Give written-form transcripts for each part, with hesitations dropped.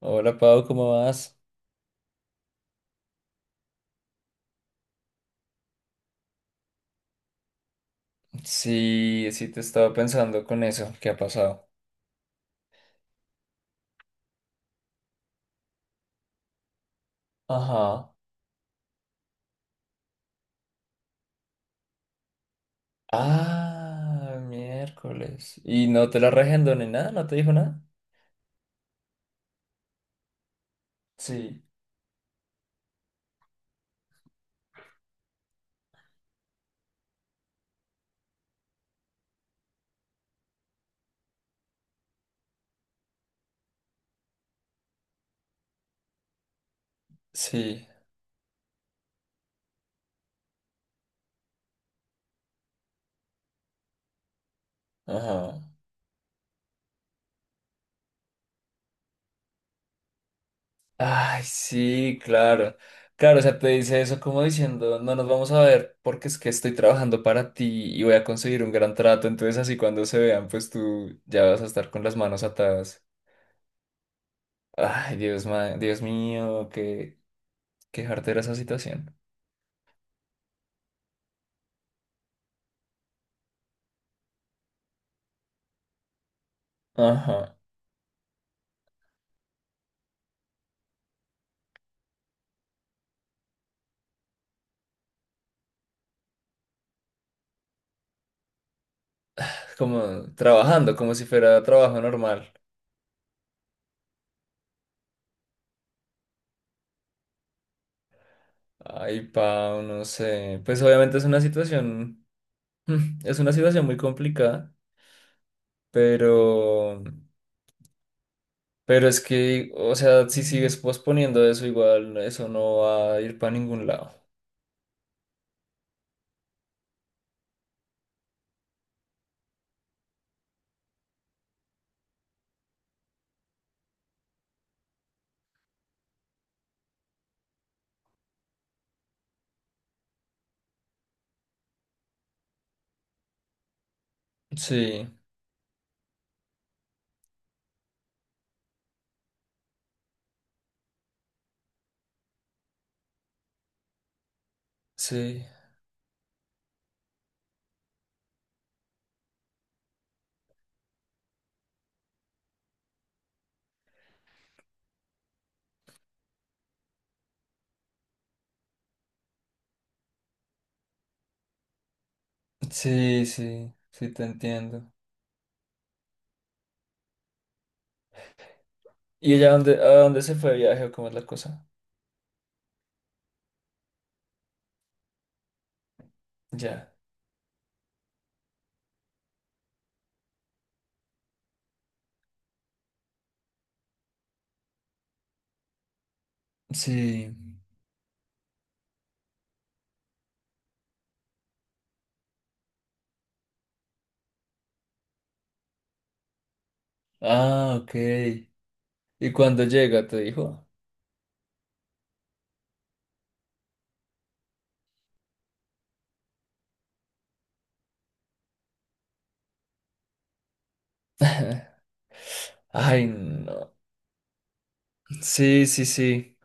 Hola Pau, ¿cómo vas? Sí, sí te estaba pensando con eso, ¿qué ha pasado? Ajá. Ah, miércoles. ¿Y no te la regendó ni nada? ¿No te dijo nada? Sí, sí, ajá. Ay, sí, claro. Claro, o sea, te dice eso como diciendo, no nos vamos a ver porque es que estoy trabajando para ti y voy a conseguir un gran trato, entonces así cuando se vean, pues tú ya vas a estar con las manos atadas. Ay, Dios, Dios mío, qué, qué jartera esa situación. Ajá, como trabajando, como si fuera trabajo normal. Ay, Pau, no sé. Pues obviamente es una situación, es una situación muy complicada, pero, pero es que, o sea, si sigues posponiendo eso, igual eso no va a ir para ningún lado. Sí, sí, sí, sí, sí, te entiendo. ¿Y ella dónde, a dónde se fue de viaje o cómo es la cosa? Ya. Sí. Ah, ok. ¿Y cuándo llega, te dijo? Ay, no. Sí, sí, sí.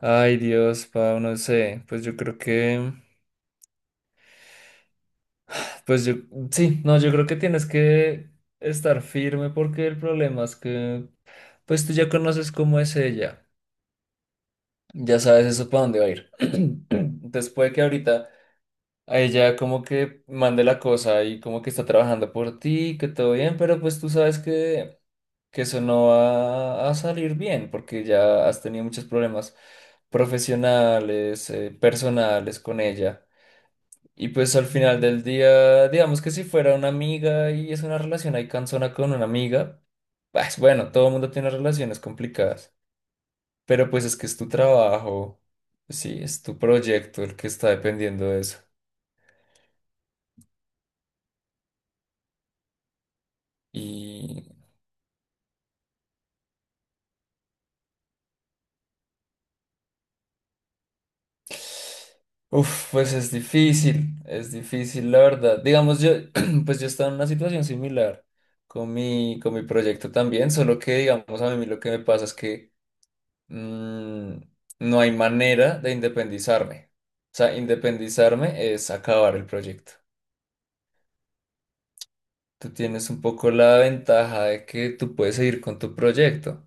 Ay, Dios, pa, no sé. Pues yo creo que. Pues yo. Sí, no, yo creo que tienes que estar firme porque el problema es que. Pues tú ya conoces cómo es ella. Ya sabes eso para dónde va a ir. Entonces puede que ahorita a ella como que mande la cosa y como que está trabajando por ti, que todo bien, pero pues tú sabes que. Que eso no va a salir bien, porque ya has tenido muchos problemas profesionales, personales con ella. Y pues al final del día, digamos que si fuera una amiga y es una relación ahí cansona con una amiga, pues bueno, todo el mundo tiene relaciones complicadas, pero pues es que es tu trabajo, sí, es tu proyecto el que está dependiendo de eso. Y uf, pues es difícil, la verdad. Digamos, yo, pues yo estaba en una situación similar con mi proyecto también, solo que, digamos, a mí lo que me pasa es que mm, no hay manera de independizarme. O sea, independizarme es acabar el proyecto. Tú tienes un poco la ventaja de que tú puedes seguir con tu proyecto,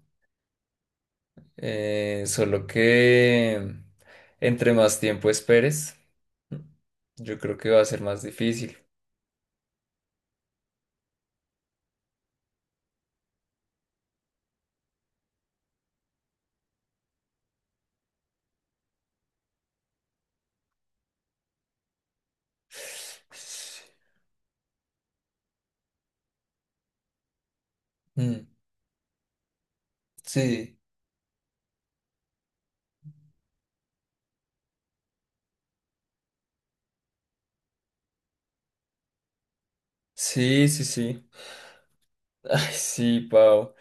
solo que entre más tiempo esperes, yo creo que va a ser más difícil. Mm, sí, sí, sí, sí. Ay, sí, Pau.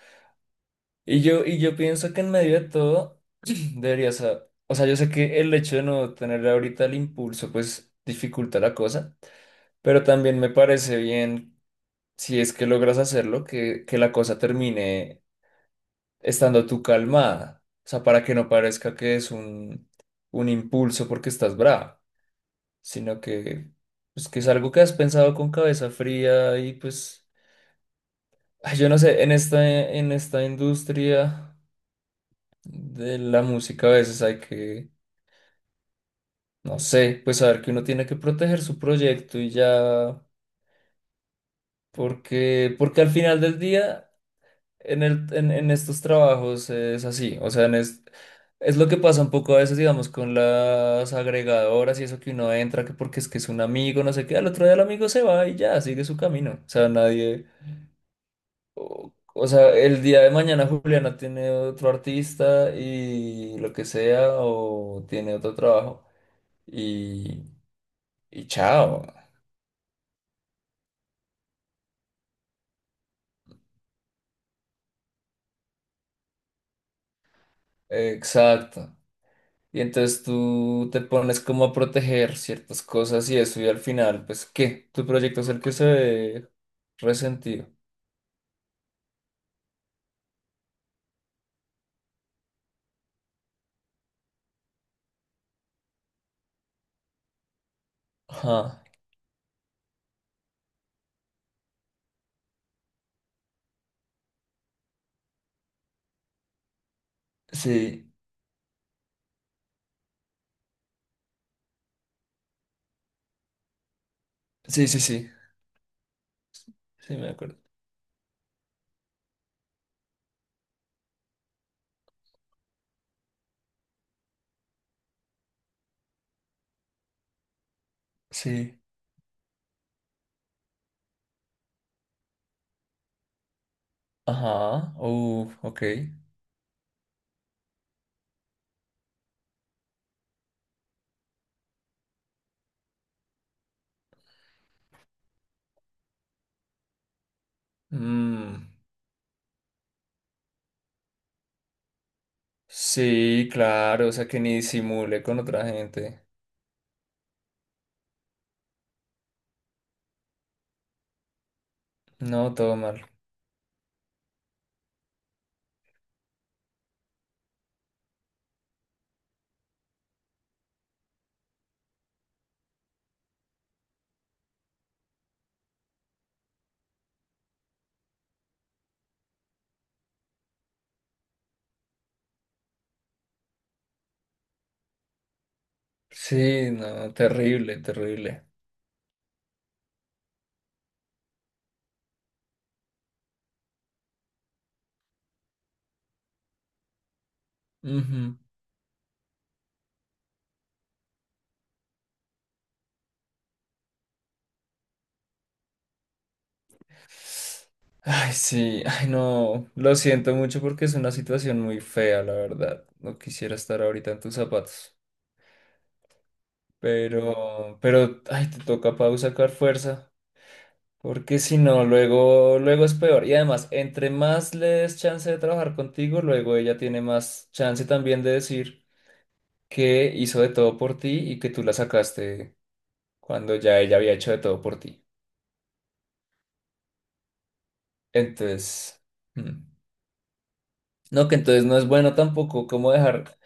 Y yo pienso que en medio de todo deberías, o sea, yo sé que el hecho de no tener ahorita el impulso, pues dificulta la cosa, pero también me parece bien, si es que logras hacerlo, que la cosa termine estando tú calmada. O sea, para que no parezca que es un impulso porque estás brava, sino que, pues, que es algo que has pensado con cabeza fría y pues... Ay, yo no sé, en esta industria de la música a veces hay que, no sé, pues saber que uno tiene que proteger su proyecto y ya, porque, porque al final del día en el, en estos trabajos es así, o sea, en es lo que pasa un poco a veces, digamos, con las agregadoras y eso que uno entra, que porque es que es un amigo, no sé qué, al otro día el amigo se va y ya, sigue su camino, o sea, nadie... O, o sea, el día de mañana Juliana tiene otro artista y lo que sea, o tiene otro trabajo y, y chao. Exacto. Y entonces tú te pones como a proteger ciertas cosas y eso, y al final, pues, ¿qué? Tu proyecto es el que se ve resentido. Ajá. Sí, sí, sí, sí. Sí, me acuerdo. Sí. Ajá. Ok. Mm, sí, claro, o sea que ni disimule con otra gente. No, todo mal. Sí, no, terrible, terrible. Ujú. Ay, sí, ay, no. Lo siento mucho porque es una situación muy fea, la verdad. No quisiera estar ahorita en tus zapatos. Pero, ay, te toca, Pau, sacar fuerza. Porque si no, luego, luego es peor. Y además, entre más le des chance de trabajar contigo, luego ella tiene más chance también de decir que hizo de todo por ti y que tú la sacaste cuando ya ella había hecho de todo por ti. Entonces, mm, no, que entonces no es bueno tampoco como dejar,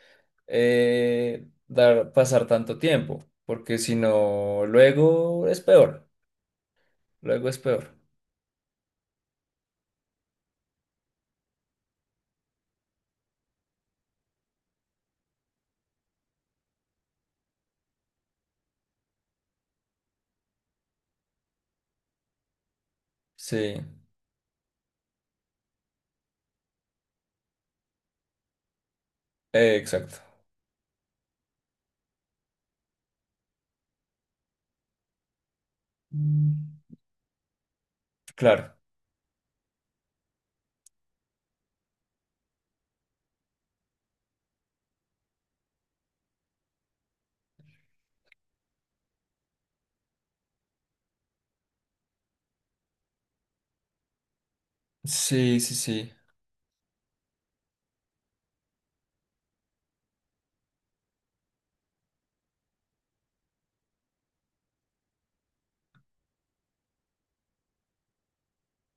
dar pasar tanto tiempo, porque si no, luego es peor, luego es peor. Sí, exacto. Mm. Claro, sí, sí, sí,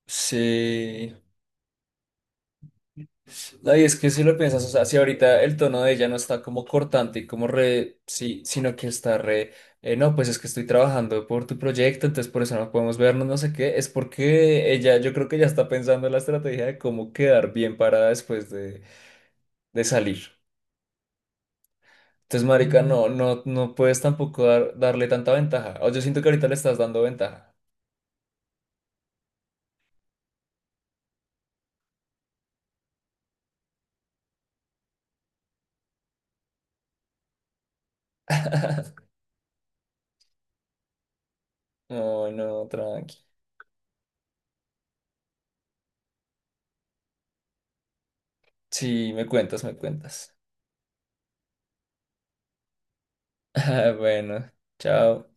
sí. No, y es que si lo piensas, o sea, si ahorita el tono de ella no está como cortante y como re, sí, sino que está re, no, pues es que estoy trabajando por tu proyecto, entonces por eso no podemos vernos, no sé qué, es porque ella, yo creo que ya está pensando en la estrategia de cómo quedar bien parada después de salir. Entonces, marica, no, no, no puedes tampoco darle tanta ventaja. O yo siento que ahorita le estás dando ventaja. No, no, tranqui. Sí, me cuentas, me cuentas. Bueno, chao.